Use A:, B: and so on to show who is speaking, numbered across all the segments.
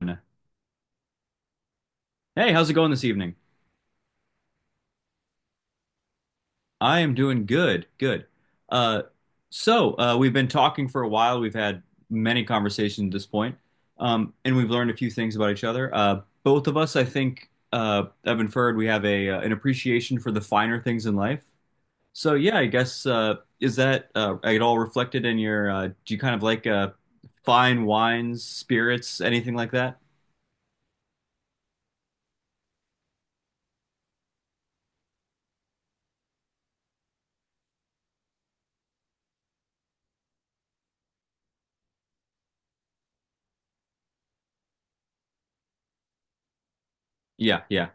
A: Hey, how's it going this evening? I am doing good, good. Uh, we've been talking for a while. We've had many conversations at this point, and we've learned a few things about each other. Both of us, I think, have inferred we have a an appreciation for the finer things in life. So yeah, I guess is that at all reflected in your? Do you kind of like fine wines, spirits, anything like that? Yeah, yeah.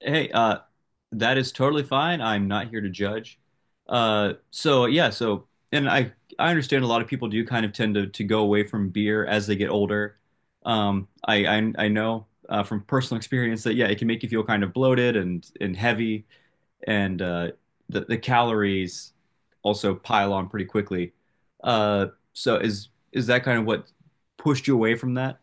A: Hey, that is totally fine. I'm not here to judge. So yeah, so and I understand a lot of people do kind of tend to go away from beer as they get older. I know from personal experience that yeah, it can make you feel kind of bloated and heavy, and the calories also pile on pretty quickly. Uh, so is that kind of what pushed you away from that?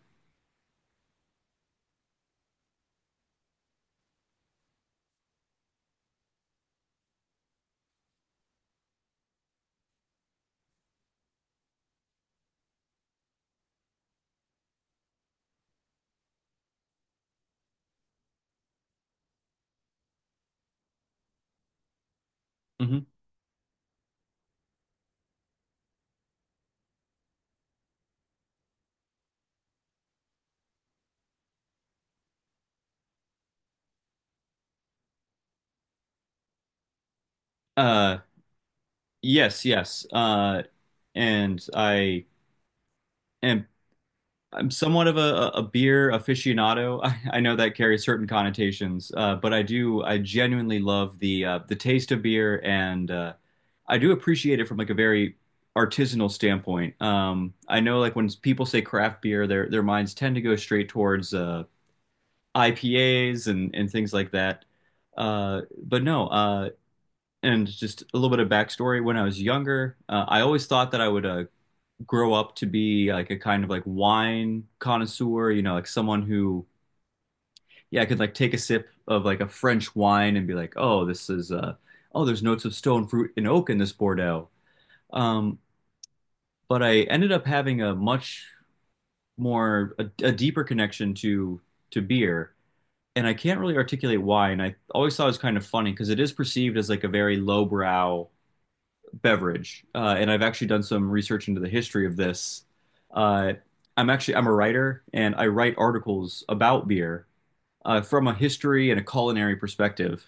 A: Hmm. Uh, yes, yes. And I. am. I'm somewhat of a beer aficionado. I know that carries certain connotations, but I do I genuinely love the taste of beer, and I do appreciate it from like a very artisanal standpoint. I know like when people say craft beer, their minds tend to go straight towards IPAs and things like that. But no, And just a little bit of backstory. When I was younger, I always thought that I would grow up to be like a kind of like wine connoisseur, like someone who, yeah, could like take a sip of like a French wine and be like, oh, this is, oh, there's notes of stone fruit and oak in this Bordeaux. Um, but I ended up having a much more, a deeper connection to beer. And I can't really articulate why. And I always thought it was kind of funny because it is perceived as like a very lowbrow beverage, and I've actually done some research into the history of this. Uh, I'm a writer, and I write articles about beer from a history and a culinary perspective.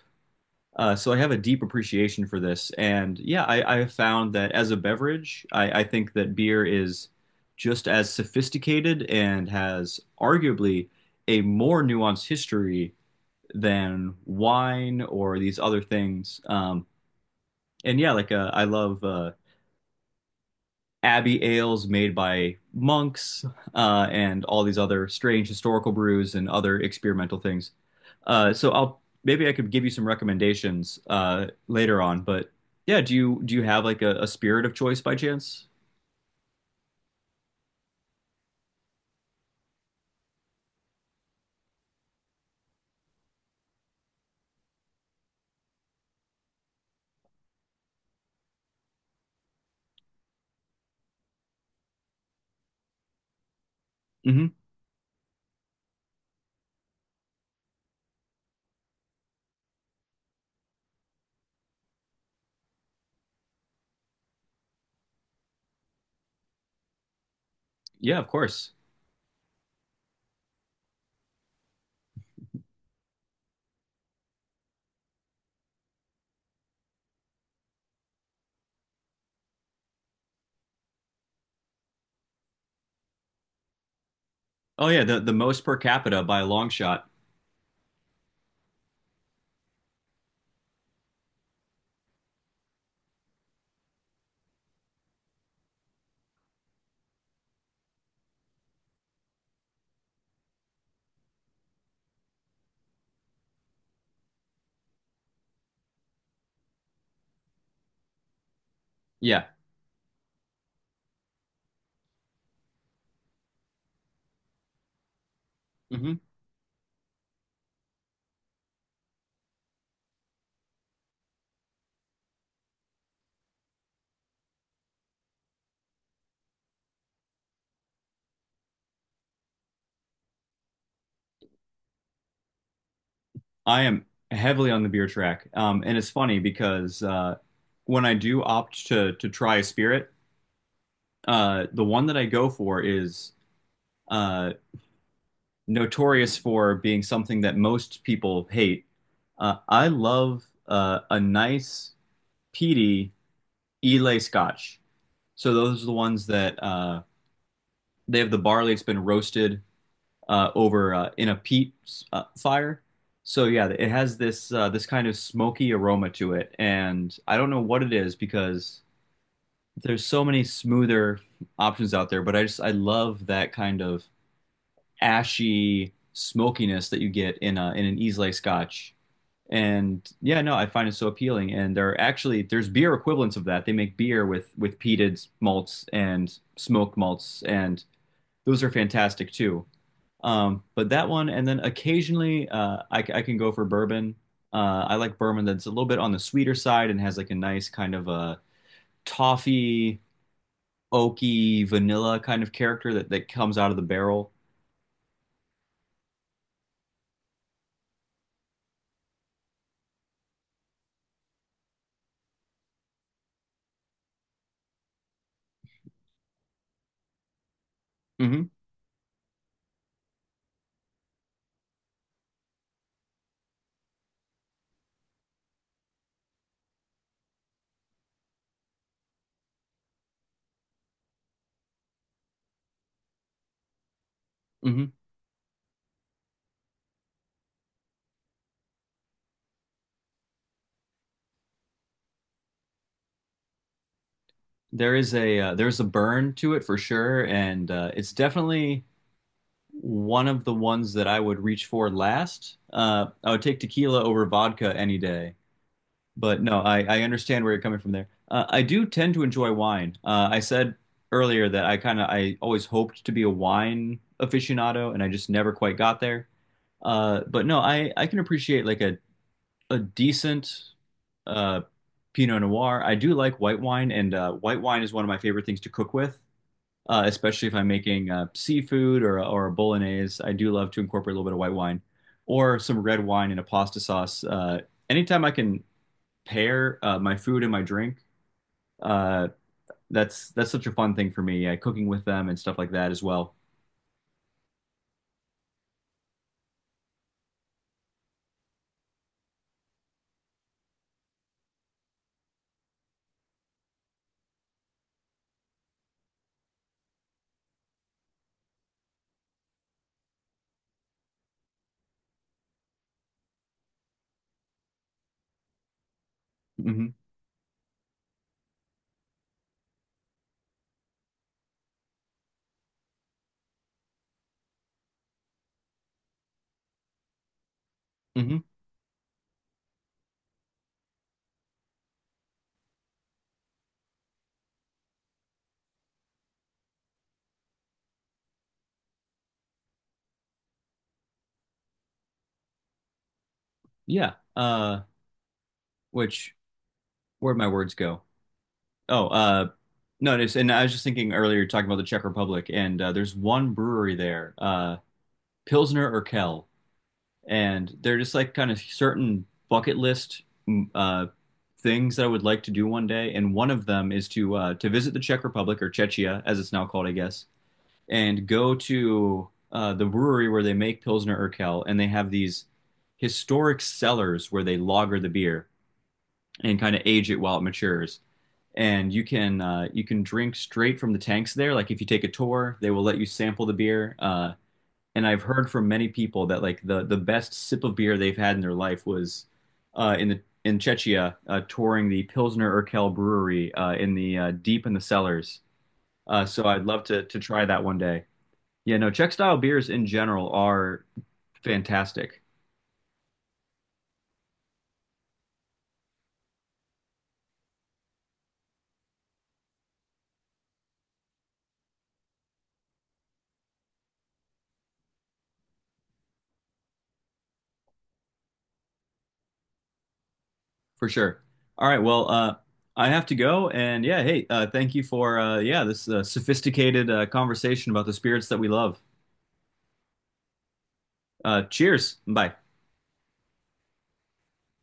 A: So I have a deep appreciation for this, and yeah, I have found that as a beverage, I think that beer is just as sophisticated and has arguably a more nuanced history than wine or these other things. And yeah, like I love abbey ales made by monks and all these other strange historical brews and other experimental things. So I'll Maybe I could give you some recommendations later on. But yeah, do you have like a spirit of choice by chance? Hmm. Yeah, of course. Oh yeah, the most per capita by a long shot. Yeah. Hmm. I am heavily on the beer track, and it's funny because when I do opt to try a spirit, the one that I go for is. uh, Notorious for being something that most people hate. I love a nice peaty Islay Scotch. So those are the ones that they have the barley. It's been roasted over in a peat fire. So yeah, it has this this kind of smoky aroma to it, and I don't know what it is because there's so many smoother options out there. But I just I love that kind of ashy smokiness that you get in a in an Islay Scotch. And yeah, no, I find it so appealing, and there are actually there's beer equivalents of that. They make beer with peated malts and smoked malts, and those are fantastic too. But that one, and then occasionally I can go for bourbon. I like bourbon that's a little bit on the sweeter side and has like a nice kind of a toffee oaky vanilla kind of character that comes out of the barrel. Mm-hmm. Mm-hmm. There is a there's a burn to it for sure, and uh, it's definitely one of the ones that I would reach for last. I would take tequila over vodka any day. But no, I understand where you're coming from there. I do tend to enjoy wine. I said earlier that I kind of I always hoped to be a wine aficionado, and I just never quite got there. But no, I can appreciate like a decent uh Pinot Noir. I do like white wine, and white wine is one of my favorite things to cook with especially if I'm making seafood or a bolognese. I do love to incorporate a little bit of white wine or some red wine in a pasta sauce. Anytime I can pair my food and my drink, uh, that's such a fun thing for me. Cooking with them and stuff like that as well. Hmm. Hmm. Yeah. Which where'd my words go? Oh, no. It's, And I was just thinking earlier, talking about the Czech Republic, and there's one brewery there, Pilsner Urquell, and they're just like kind of certain bucket list mm, uh, things that I would like to do one day, and one of them is to visit the Czech Republic or Czechia, as it's now called, I guess, and go to the brewery where they make Pilsner Urquell, and they have these historic cellars where they lager the beer and kind of age it while it matures. And you can drink straight from the tanks there. Like if you take a tour, they will let you sample the beer. And I've heard from many people that like the best sip of beer they've had in their life was in the in Czechia touring the Pilsner Urquell brewery in the deep in the cellars. So I'd love to try that one day. Yeah, no, Czech style beers in general are fantastic for sure. All right, well, I have to go, and yeah, hey, thank you for yeah, this sophisticated conversation about the spirits that we love. Cheers, bye.